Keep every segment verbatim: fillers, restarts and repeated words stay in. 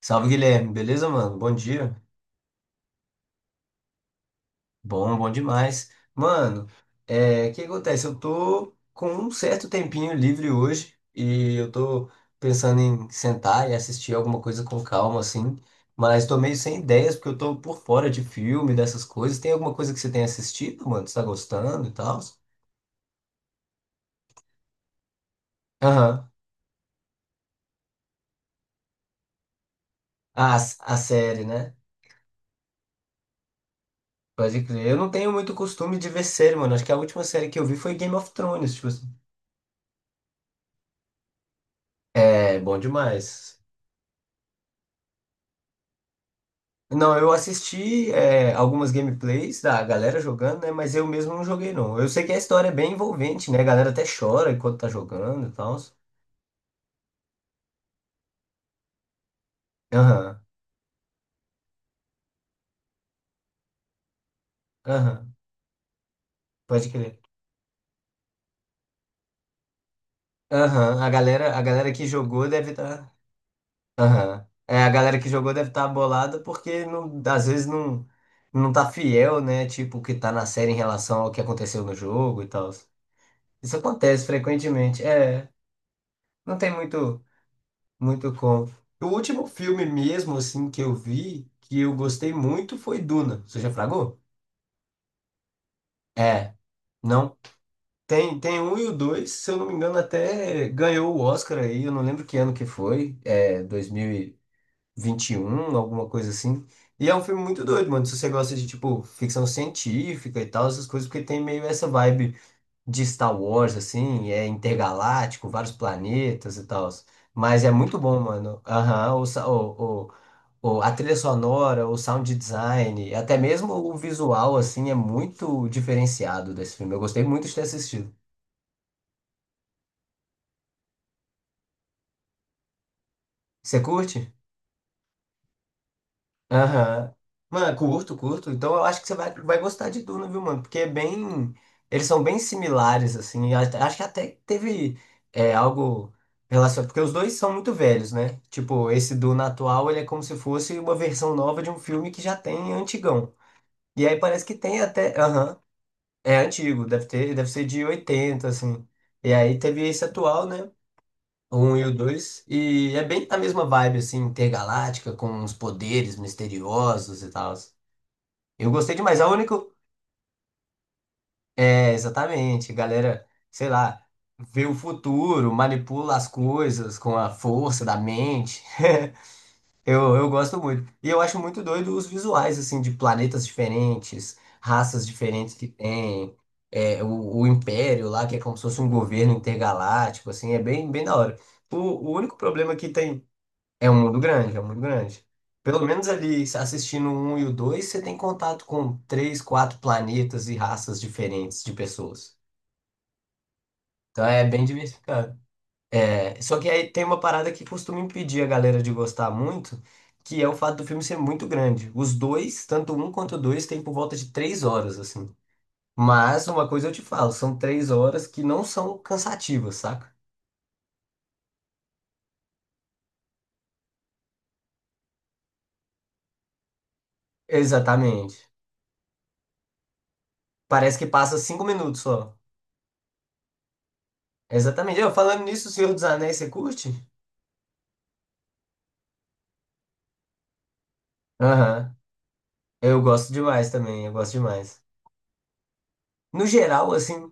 Salve, Guilherme, beleza, mano? Bom dia. Bom, bom demais. Mano, é, o que acontece? Eu tô com um certo tempinho livre hoje e eu tô pensando em sentar e assistir alguma coisa com calma, assim, mas tô meio sem ideias porque eu tô por fora de filme, dessas coisas. Tem alguma coisa que você tem assistido, mano? Você tá gostando e tal? Aham. A, a série, né? Pode crer. Eu não tenho muito costume de ver série, mano. Acho que a última série que eu vi foi Game of Thrones, tipo assim. É, bom demais. Não, eu assisti é, algumas gameplays da galera jogando, né? Mas eu mesmo não joguei, não. Eu sei que a história é bem envolvente, né? A galera até chora enquanto tá jogando e tal. Aham, aham, pode crer. Aham, a galera, a galera que jogou deve estar. Aham. É, a galera que jogou deve estar bolada porque não, às vezes não, não tá fiel, né? Tipo, o que tá na série em relação ao que aconteceu no jogo e tal. Isso acontece frequentemente. É, não tem muito. Muito com. O último filme mesmo, assim, que eu vi, que eu gostei muito, foi Duna. Você já fragou? É. Não. Tem, tem um e o dois, se eu não me engano, até ganhou o Oscar aí, eu não lembro que ano que foi, é dois mil e e vinte e um, alguma coisa assim. E é um filme muito doido, mano. Se você gosta de, tipo, ficção científica e tal, essas coisas, porque tem meio essa vibe de Star Wars, assim, é intergaláctico, vários planetas e tal. Mas é muito bom, mano. Aham, o, o- a trilha sonora, o sound design, até mesmo o visual, assim, é muito diferenciado desse filme. Eu gostei muito de ter assistido. Você curte? Aham. Mano, curto, curto. Então eu acho que você vai, vai gostar de Duna, viu, mano? Porque é bem. Eles são bem similares, assim. A- Acho que até teve é, algo relacionado. Porque os dois são muito velhos, né? Tipo, esse Duna atual, ele é como se fosse uma versão nova de um filme que já tem antigão. E aí parece que tem até. Aham. É antigo, deve ter, deve ser de oitenta, assim. E aí teve esse atual, né? O um e o dois. E é bem a mesma vibe, assim, intergaláctica, com os poderes misteriosos e tal. Eu gostei demais. É o único. É, exatamente. Galera, sei lá, vê o futuro, manipula as coisas com a força da mente. Eu, eu gosto muito. E eu acho muito doido os visuais, assim, de planetas diferentes, raças diferentes que tem, é, o, o Império lá, que é como se fosse um governo intergaláctico, assim, é bem, bem da hora. O, o único problema que tem é um mundo grande, é um mundo grande. Pelo menos ali, assistindo o um e o dois, você tem contato com três, quatro planetas e raças diferentes de pessoas. Então é bem diversificado. É. Só que aí tem uma parada que costuma impedir a galera de gostar muito, que é o fato do filme ser muito grande. Os dois, tanto um quanto o dois, tem por volta de três horas, assim. Mas uma coisa eu te falo, são três horas que não são cansativas, saca? Exatamente. Parece que passa cinco minutos só. Exatamente. Eu, falando nisso, O Senhor dos Anéis, você curte? Aham. Eu gosto demais também, eu gosto demais. No geral, assim.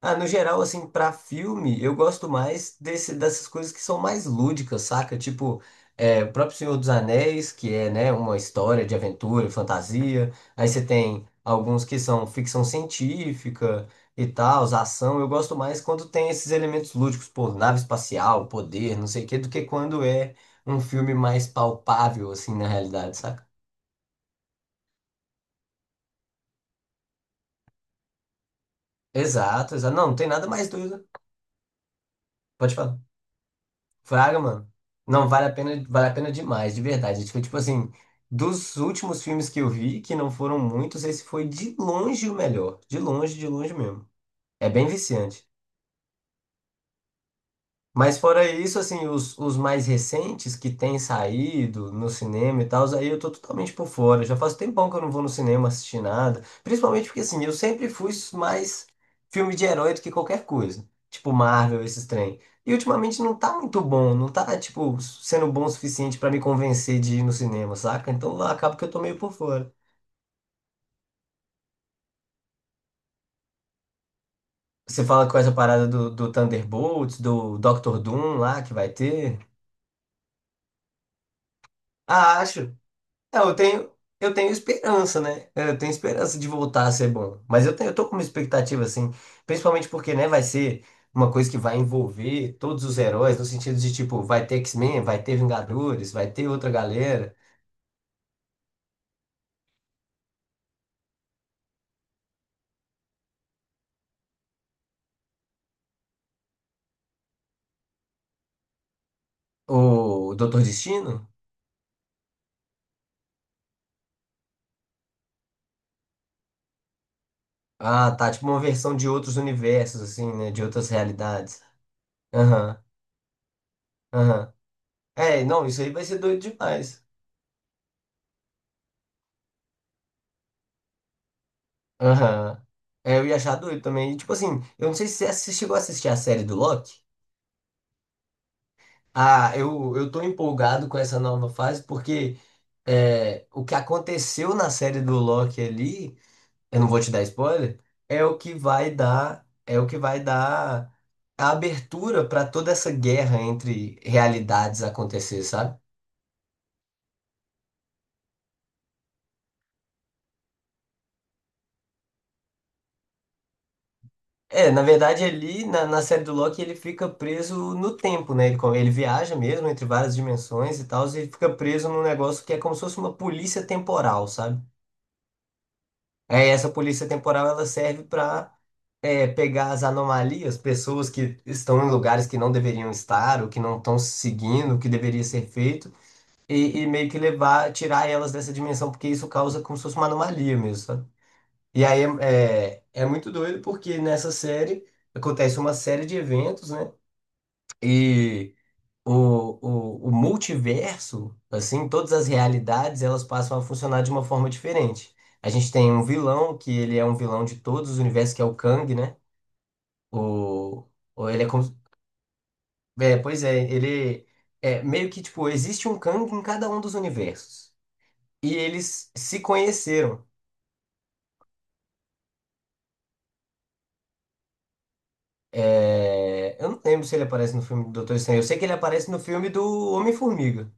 Ah, no geral, assim, pra filme, eu gosto mais desse, dessas coisas que são mais lúdicas, saca? Tipo, é, o próprio Senhor dos Anéis, que é, né, uma história de aventura e fantasia. Aí você tem alguns que são ficção científica e tal, ação. Eu gosto mais quando tem esses elementos lúdicos, pô, nave espacial, poder, não sei o quê, do que quando é um filme mais palpável, assim, na realidade, saca? Exato, exato. Não, não tem nada mais doido. Pode falar. Fraga, mano. Não, vale a pena, vale a pena demais, de verdade. Acho que, tipo assim, dos últimos filmes que eu vi, que não foram muitos, esse foi de longe o melhor. De longe, de longe mesmo. É bem viciante. Mas fora isso, assim, os, os mais recentes que têm saído no cinema e tal, aí eu tô totalmente por fora. Já faz tempão que eu não vou no cinema assistir nada. Principalmente porque, assim, eu sempre fui mais filme de herói do que qualquer coisa. Tipo Marvel, esses trem. E ultimamente não tá muito bom, não tá, tipo, sendo bom o suficiente pra me convencer de ir no cinema, saca? Então acaba que eu tô meio por fora. Você fala com essa parada do, do Thunderbolts, do Doctor Doom lá que vai ter. Ah, acho. Não, eu tenho, eu tenho esperança, né? Eu tenho esperança de voltar a ser bom. Mas eu tenho, eu tô com uma expectativa, assim, principalmente porque, né, vai ser uma coisa que vai envolver todos os heróis, no sentido de, tipo, vai ter X-Men, vai ter Vingadores, vai ter outra galera. O Doutor Destino? Ah, tá, tipo uma versão de outros universos, assim, né? De outras realidades. Aham, aham. É, não, isso aí vai ser doido demais. Aham. É, eu ia achar doido também. E, tipo assim, eu não sei se você assi- chegou a assistir a série do Loki. Ah, eu, eu tô empolgado com essa nova fase porque é, o que aconteceu na série do Loki ali, eu não vou te dar spoiler, é o que vai dar, é o que vai dar a abertura para toda essa guerra entre realidades acontecer, sabe? É, na verdade ali na, na série do Loki ele fica preso no tempo, né? Ele, co- ele viaja mesmo entre várias dimensões e tal, e ele fica preso num negócio que é como se fosse uma polícia temporal, sabe? É, essa polícia temporal ela serve para é, pegar as anomalias, pessoas que estão em lugares que não deveriam estar, ou que não estão seguindo o que deveria ser feito, e, e meio que levar, tirar elas dessa dimensão, porque isso causa como se fosse uma anomalia mesmo, sabe? E aí é, é, é muito doido, porque nessa série acontece uma série de eventos, né? E o, o, o multiverso, assim, todas as realidades, elas passam a funcionar de uma forma diferente. A gente tem um vilão, que ele é um vilão de todos os universos, que é o Kang, né? O, o- ele é, como- é, pois é, ele é meio que tipo, existe um Kang em cada um dos universos. E eles se conheceram. É, eu não lembro se ele aparece no filme do Doutor Estranho. Eu sei que ele aparece no filme do Homem-Formiga.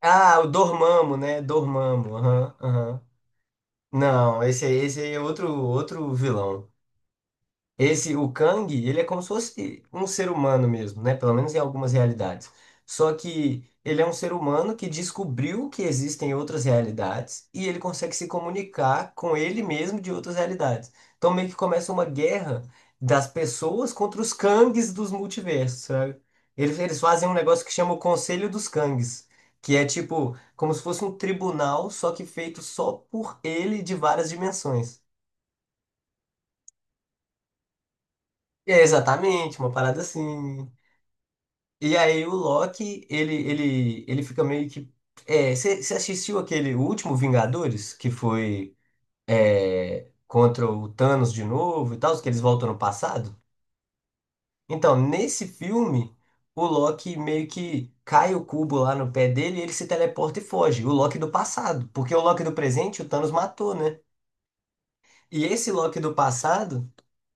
Ah, o Dormammu, né? Dormammu. Aham, aham. Não, esse, aí- esse aí é outro, outro vilão. Esse, o Kang, ele é como se fosse um ser humano mesmo, né? Pelo menos em algumas realidades. Só que ele é um ser humano que descobriu que existem outras realidades e ele consegue se comunicar com ele mesmo de outras realidades. Então meio que começa uma guerra das pessoas contra os Kangs dos multiversos, sabe? Eles, eles fazem um negócio que chama o Conselho dos Kangs, que é tipo como se fosse um tribunal, só que feito só por ele de várias dimensões. É, exatamente, uma parada assim. E aí o Loki, ele, ele, ele fica meio que. É, você assistiu aquele o último Vingadores, que foi é, contra o Thanos de novo e tal, que eles voltam no passado? Então, nesse filme, o Loki meio que cai o cubo lá no pé dele e ele se teleporta e foge. O Loki do passado, porque o Loki do presente o Thanos matou, né? E esse Loki do passado,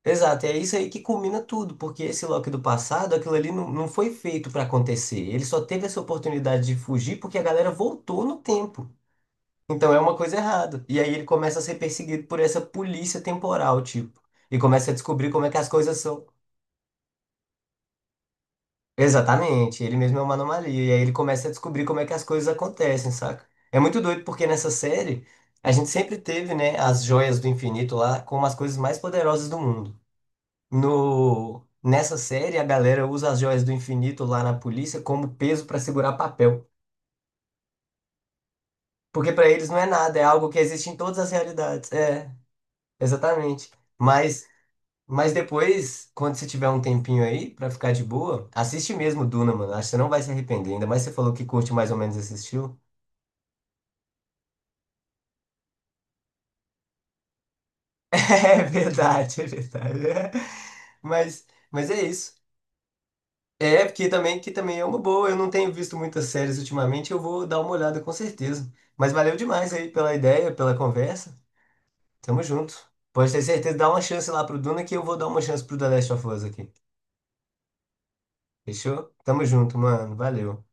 exato, é isso aí que culmina tudo, porque esse Loki do passado, aquilo ali não, não foi feito pra acontecer. Ele só teve essa oportunidade de fugir porque a galera voltou no tempo. Então é uma coisa errada. E aí ele começa a ser perseguido por essa polícia temporal, tipo, e começa a descobrir como é que as coisas são. Exatamente, ele mesmo é uma anomalia. E aí ele começa a descobrir como é que as coisas acontecem, saca? É muito doido porque nessa série a gente sempre teve, né, as joias do infinito lá como as coisas mais poderosas do mundo. No, nessa série, a galera usa as joias do infinito lá na polícia como peso para segurar papel. Porque para eles não é nada, é algo que existe em todas as realidades. É, exatamente. Mas, mas depois, quando você tiver um tempinho aí para ficar de boa, assiste mesmo Duna, mano. Acho que você não vai se arrepender. Ainda mais você falou que curte mais ou menos esse estilo. É verdade, é verdade. Mas, mas é isso. É, porque também, que também é uma boa. Eu não tenho visto muitas séries ultimamente, eu vou dar uma olhada com certeza. Mas valeu demais aí pela ideia, pela conversa. Tamo junto. Pode ter certeza, dá uma chance lá pro Duna que eu vou dar uma chance pro The Last of Us aqui. Fechou? Tamo junto, mano. Valeu.